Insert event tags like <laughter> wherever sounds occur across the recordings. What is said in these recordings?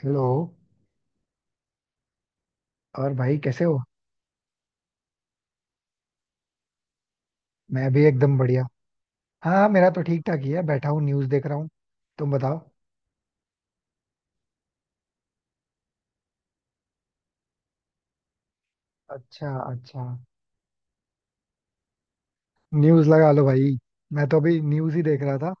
Hello. और भाई कैसे हो? मैं भी एकदम बढ़िया। हाँ हाँ, मेरा तो ठीक ठाक ही है, बैठा हूँ न्यूज़ देख रहा हूँ। तुम बताओ। अच्छा अच्छा। न्यूज़ लगा लो भाई। मैं तो अभी न्यूज़ ही देख रहा था।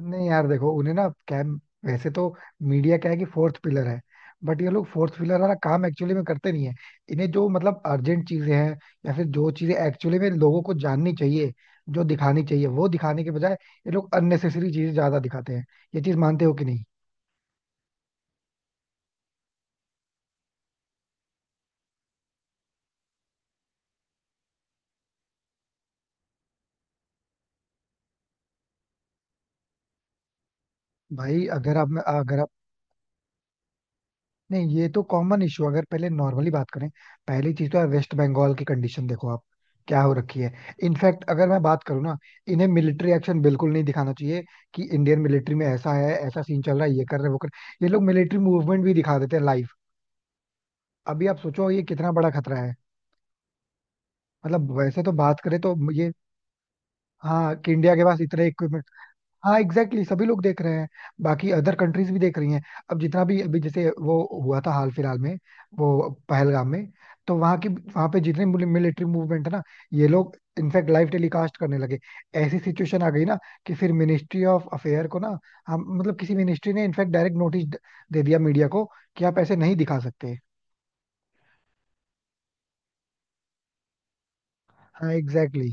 नहीं यार, देखो उन्हें ना क्या, वैसे तो मीडिया क्या है कि फोर्थ पिलर है, बट ये लोग फोर्थ पिलर वाला काम एक्चुअली में करते नहीं है। इन्हें जो मतलब अर्जेंट चीजें हैं, या फिर जो चीजें एक्चुअली में लोगों को जाननी चाहिए, जो दिखानी चाहिए वो दिखाने के बजाय ये लोग अननेसेसरी चीजें ज्यादा दिखाते हैं। ये चीज मानते हो कि नहीं? भाई अगर आप अगर नहीं, ये तो कॉमन इशू। अगर पहले नॉर्मली बात करें, पहली चीज तो है वेस्ट बंगाल की कंडीशन, देखो आप क्या हो रखी है। इनफैक्ट अगर मैं बात करूँ ना, इन्हें मिलिट्री एक्शन बिल्कुल नहीं दिखाना चाहिए, कि इंडियन मिलिट्री में ऐसा है, ऐसा सीन चल रहा है, ये कर रहे हैं, वो कर। ये लोग मिलिट्री मूवमेंट भी दिखा देते हैं लाइव। अभी आप सोचो ये कितना बड़ा खतरा है। मतलब वैसे तो बात करें तो ये, हाँ, कि इंडिया के पास इतने इक्विपमेंट। हाँ एग्जैक्टली सभी लोग देख रहे हैं। बाकी अदर कंट्रीज भी देख रही हैं। अब जितना भी अभी जैसे वो हुआ था हाल फिलहाल में, वो पहलगाम में, तो वहाँ की वहाँ पे जितने मिलिट्री मूवमेंट है ना, ये लोग इनफैक्ट लाइव टेलीकास्ट करने लगे। ऐसी सिचुएशन आ गई ना, कि फिर मिनिस्ट्री ऑफ अफेयर को ना, हम मतलब किसी मिनिस्ट्री ने इनफैक्ट डायरेक्ट नोटिस दे दिया मीडिया को कि आप ऐसे नहीं दिखा सकते। हाँ एग्जैक्टली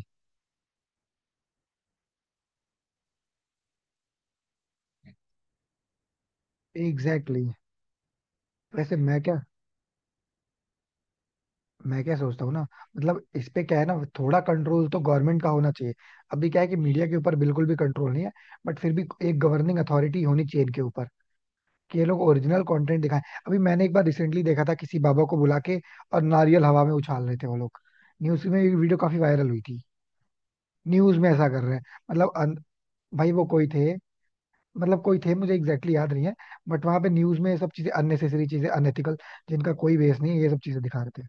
exactly, एग्जैक्टली exactly. वैसे मैं क्या सोचता हूँ ना, मतलब इस पे क्या है ना, थोड़ा कंट्रोल तो गवर्नमेंट का होना चाहिए। अभी क्या है कि मीडिया के ऊपर बिल्कुल भी कंट्रोल नहीं है, बट फिर भी एक गवर्निंग अथॉरिटी होनी चाहिए इनके ऊपर, कि ये लोग ओरिजिनल कंटेंट दिखाएं। अभी मैंने एक बार रिसेंटली देखा था, किसी बाबा को बुला के और नारियल हवा में उछाल रहे थे वो लोग। न्यूज में वीडियो काफी वायरल हुई थी। न्यूज में ऐसा कर रहे हैं। मतलब अन... भाई वो कोई थे, मतलब कोई थे, मुझे एग्जैक्टली याद नहीं है, बट वहां पे न्यूज में ये सब चीजें, अननेसेसरी चीजें, अनएथिकल जिनका कोई बेस नहीं है, ये सब चीजें दिखा रहे थे।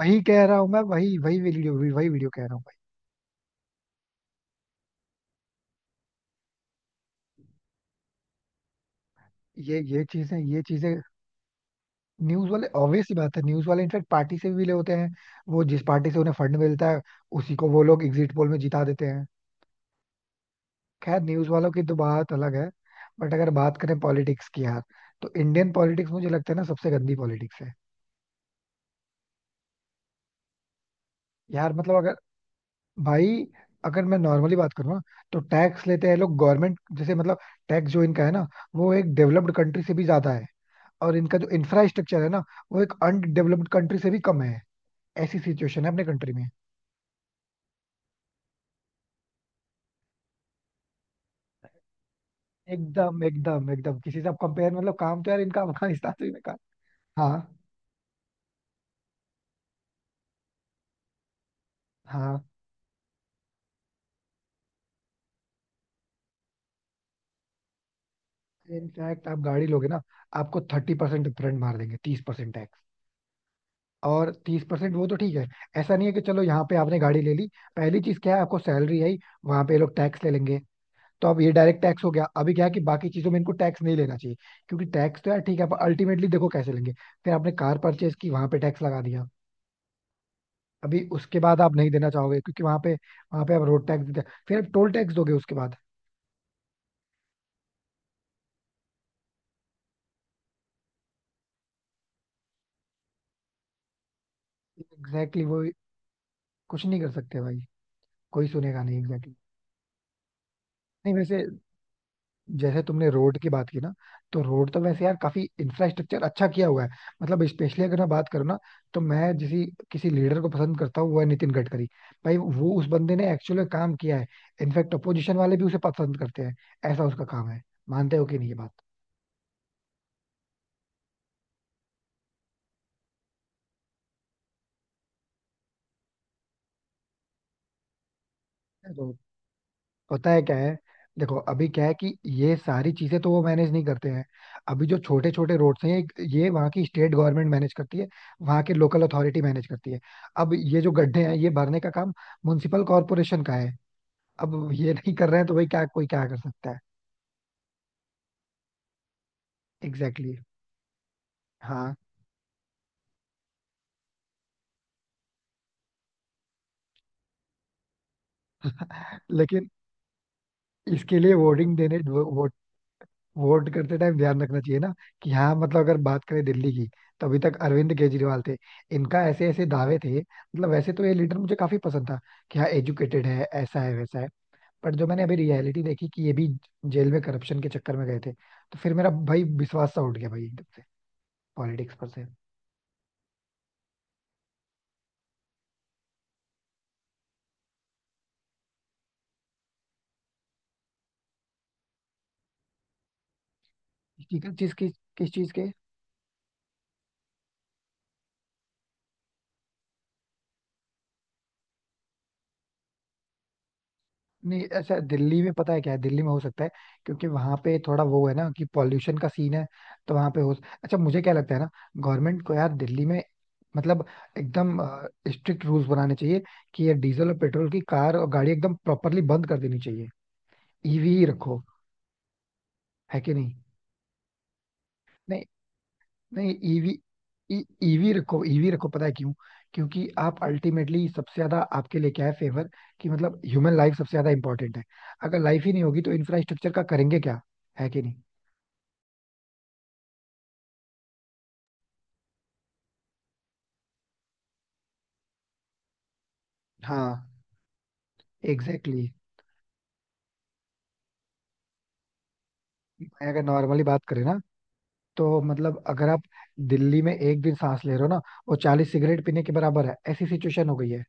वही कह रहा हूँ मैं, वही वही वीडियो कह रहा हूँ भाई। ये चीजें न्यूज वाले, ऑब्वियस सी बात है न्यूज वाले इनफैक्ट पार्टी से भी मिले होते हैं। वो जिस पार्टी से उन्हें फंड मिलता है, उसी को वो लोग एग्जिट पोल में जिता देते हैं। खैर न्यूज वालों की तो बात अलग है, बट अगर बात करें पॉलिटिक्स की यार, तो इंडियन पॉलिटिक्स मुझे लगता है ना सबसे गंदी पॉलिटिक्स है। यार मतलब अगर, भाई अगर मैं नॉर्मली बात करूँ ना, तो टैक्स लेते हैं लोग गवर्नमेंट, जैसे मतलब टैक्स जो इनका है ना, वो एक डेवलप्ड कंट्री से भी ज्यादा है, और इनका जो इंफ्रास्ट्रक्चर है ना, वो एक अनडेवलप्ड कंट्री से भी कम है। ऐसी सिचुएशन है अपने कंट्री में। एकदम एकदम एकदम किसी से आप कंपेयर, मतलब काम तो यार इनका अफगानिस्तान से भी बेकार। हाँ हाँ। इनफैक्ट आप गाड़ी लोगे ना, आपको 30% डिफरेंट मार देंगे, 30% टैक्स। और 30% वो तो ठीक है, ऐसा नहीं है। कि चलो यहाँ पे आपने गाड़ी ले ली, पहली चीज क्या है, आपको सैलरी आई, वहां पे ये लोग टैक्स ले लेंगे। तो अब ये डायरेक्ट टैक्स हो गया। अभी क्या है कि बाकी चीजों में इनको टैक्स नहीं लेना चाहिए, क्योंकि टैक्स तो यार ठीक है, पर अल्टीमेटली देखो कैसे लेंगे। फिर आपने कार परचेज की, वहां पे टैक्स लगा दिया। अभी उसके बाद आप नहीं देना चाहोगे, क्योंकि वहां पे आप रोड टैक्स देते हैं, फिर आप टोल टैक्स दोगे उसके बाद। एग्जैक्टली वो, कुछ नहीं कर सकते भाई। कोई सुनेगा नहीं। Exactly exactly. नहीं वैसे, जैसे तुमने रोड की बात की ना, तो रोड तो वैसे यार काफी इंफ्रास्ट्रक्चर अच्छा किया हुआ है। मतलब स्पेशली अगर मैं बात करूँ ना, तो मैं जिसी किसी लीडर को पसंद करता हूँ, वो है नितिन गडकरी। भाई वो, उस बंदे ने एक्चुअली काम किया है। इनफैक्ट अपोजिशन वाले भी उसे पसंद करते हैं, ऐसा उसका काम है। मानते हो कि नहीं ये बात? होता है क्या है, देखो अभी क्या है कि ये सारी चीजें तो वो मैनेज नहीं करते हैं। अभी जो छोटे छोटे रोड्स हैं, ये वहाँ की स्टेट गवर्नमेंट मैनेज करती है, वहाँ के लोकल अथॉरिटी मैनेज करती है। अब ये जो गड्ढे हैं, ये भरने का काम म्युनिसिपल कॉरपोरेशन का है। अब ये नहीं कर रहे हैं, तो भाई क्या कोई क्या कर सकता है? Exactly exactly. हाँ। लेकिन इसके लिए वोट करते टाइम ध्यान रखना चाहिए ना, कि हाँ मतलब अगर बात करें दिल्ली की, तो अभी तक अरविंद केजरीवाल थे। इनका ऐसे ऐसे दावे थे, मतलब वैसे तो ये लीडर मुझे काफी पसंद था, कि हाँ एजुकेटेड है, ऐसा है, वैसा है। पर जो मैंने अभी रियलिटी देखी, कि ये भी जेल में करप्शन के चक्कर में गए थे, तो फिर मेरा भाई विश्वास सा उठ गया, भाई एकदम से पॉलिटिक्स पर से। किस चीज की किस चीज के, नहीं ऐसा दिल्ली में, पता है क्या है, दिल्ली में हो सकता है क्योंकि वहां पे थोड़ा वो है ना कि पॉल्यूशन का सीन है, तो वहां पे हो। अच्छा मुझे क्या लगता है ना, गवर्नमेंट को यार दिल्ली में मतलब एकदम स्ट्रिक्ट रूल्स बनाने चाहिए, कि ये डीजल और पेट्रोल की कार और गाड़ी एकदम प्रॉपरली बंद कर देनी चाहिए, ईवी ही रखो। है कि नहीं? नहीं नहीं। ईवी, ईवी रखो, पता है क्यों? क्योंकि आप अल्टीमेटली, सबसे ज्यादा आपके लिए क्या है फेवर, कि मतलब ह्यूमन लाइफ सबसे ज्यादा इंपॉर्टेंट है। अगर लाइफ ही नहीं होगी तो इंफ्रास्ट्रक्चर का करेंगे क्या? है कि नहीं? हाँ एग्जैक्टली exactly. अगर नॉर्मली बात करें ना, तो मतलब अगर आप दिल्ली में एक दिन सांस ले रहे हो ना, वो 40 सिगरेट पीने के बराबर है, ऐसी सिचुएशन हो गई है।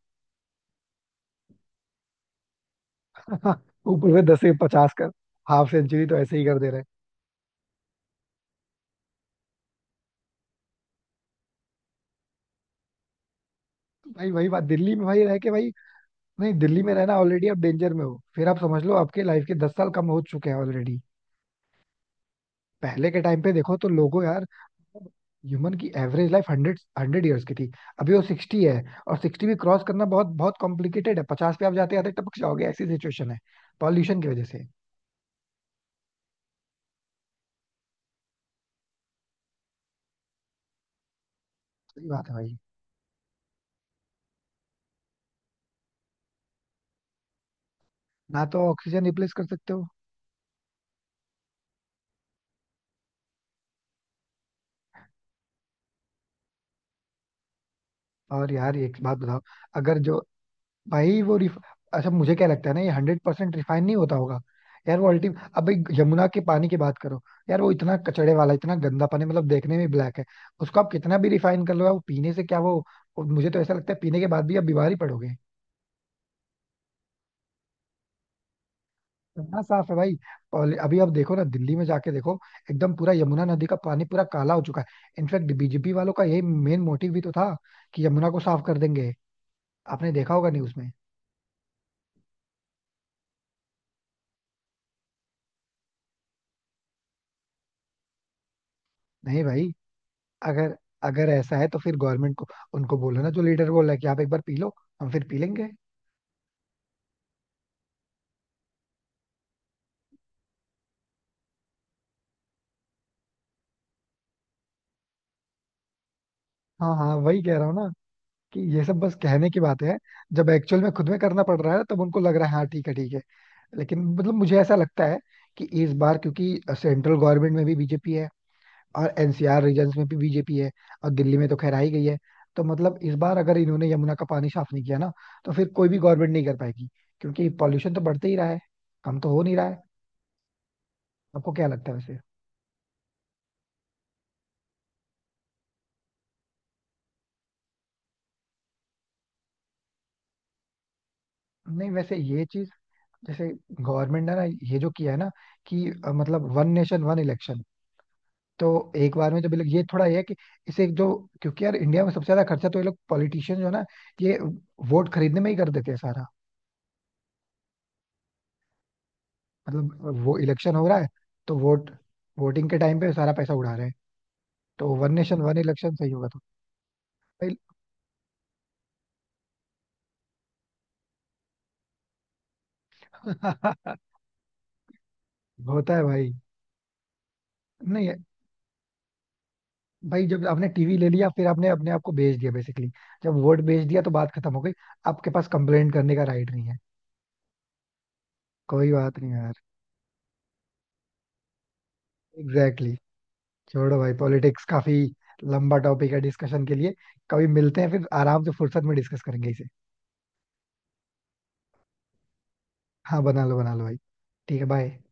<laughs> ऊपर से 10 से 50 कर, हाफ सेंचुरी तो ऐसे ही कर दे रहे हैं। भाई वही बात, दिल्ली में भाई रह के भाई, नहीं दिल्ली में रहना, ऑलरेडी आप डेंजर में हो। फिर आप समझ लो, आपके लाइफ के 10 साल कम हो चुके हैं ऑलरेडी। पहले के टाइम पे देखो तो लोगों यार, ह्यूमन की average life hundred hundred years की थी, अभी वो 60 है, और 60 भी क्रॉस करना बहुत बहुत कॉम्प्लिकेटेड है। 50 पे आप जाते जाते टपक जाओगे, ऐसी सिचुएशन है पॉल्यूशन की वजह से। सही बात है भाई, ना तो ऑक्सीजन रिप्लेस कर सकते हो। और यार एक बात बताओ, अगर जो भाई वो रिफ... अच्छा मुझे क्या लगता है ना, ये 100% रिफाइन नहीं होता होगा यार। वो अल्टीम अब भाई यमुना के पानी की बात करो यार, वो इतना कचड़े वाला, इतना गंदा पानी, मतलब देखने में ब्लैक है। उसको आप कितना भी रिफाइन कर लो यार, वो पीने से क्या वो मुझे तो ऐसा लगता है पीने के बाद भी आप बीमार ही पड़ोगे। इतना साफ है भाई, अभी आप देखो ना, दिल्ली में जाके देखो, एकदम पूरा यमुना नदी का पानी पूरा काला हो चुका है। इनफैक्ट बीजेपी वालों का यही मेन मोटिव भी तो था, कि यमुना को साफ कर देंगे। आपने देखा होगा न्यूज में। नहीं भाई, अगर अगर ऐसा है तो फिर गवर्नमेंट को, उनको बोलो ना, जो लीडर बोल रहा है कि आप एक बार पी लो, हम फिर पी लेंगे। हाँ हाँ, वही कह रहा हूँ ना, कि ये सब बस कहने की बातें हैं, जब एक्चुअल में खुद में करना पड़ रहा है तब उनको लग रहा है हाँ ठीक है ठीक है। लेकिन मतलब मुझे ऐसा लगता है कि इस बार क्योंकि सेंट्रल गवर्नमेंट में भी बीजेपी है, और एनसीआर रीजन्स में भी बीजेपी है, और दिल्ली में तो खैर आई गई है, तो मतलब इस बार अगर इन्होंने यमुना का पानी साफ नहीं किया ना, तो फिर कोई भी गवर्नमेंट नहीं कर पाएगी, क्योंकि पॉल्यूशन तो बढ़ते ही रहा है, कम तो हो नहीं रहा है। आपको क्या लगता है वैसे? नहीं वैसे ये चीज, जैसे गवर्नमेंट ने ना, ये जो किया है ना कि मतलब वन नेशन वन इलेक्शन, तो एक बार में जब ये थोड़ा ये है, कि इसे जो, क्योंकि यार इंडिया में सबसे ज्यादा खर्चा तो ये लोग पॉलिटिशियन जो है ना, ये वोट खरीदने में ही कर देते हैं सारा। मतलब वो इलेक्शन हो रहा है, तो वोटिंग के टाइम पे सारा पैसा उड़ा रहे हैं। तो वन नेशन वन इलेक्शन सही होगा तो। भाई <laughs> होता है भाई। नहीं भाई, जब आपने टीवी ले लिया, फिर आपने अपने आप को बेच दिया बेसिकली। जब वोट बेच दिया तो बात खत्म हो गई, आपके पास कंप्लेंट करने का राइट नहीं है। कोई बात नहीं यार। Exactly exactly. छोड़ो भाई, पॉलिटिक्स काफी लंबा टॉपिक है डिस्कशन के लिए। कभी मिलते हैं फिर आराम से, फुर्सत में डिस्कस करेंगे इसे। हाँ बना लो भाई। ठीक है, बाय।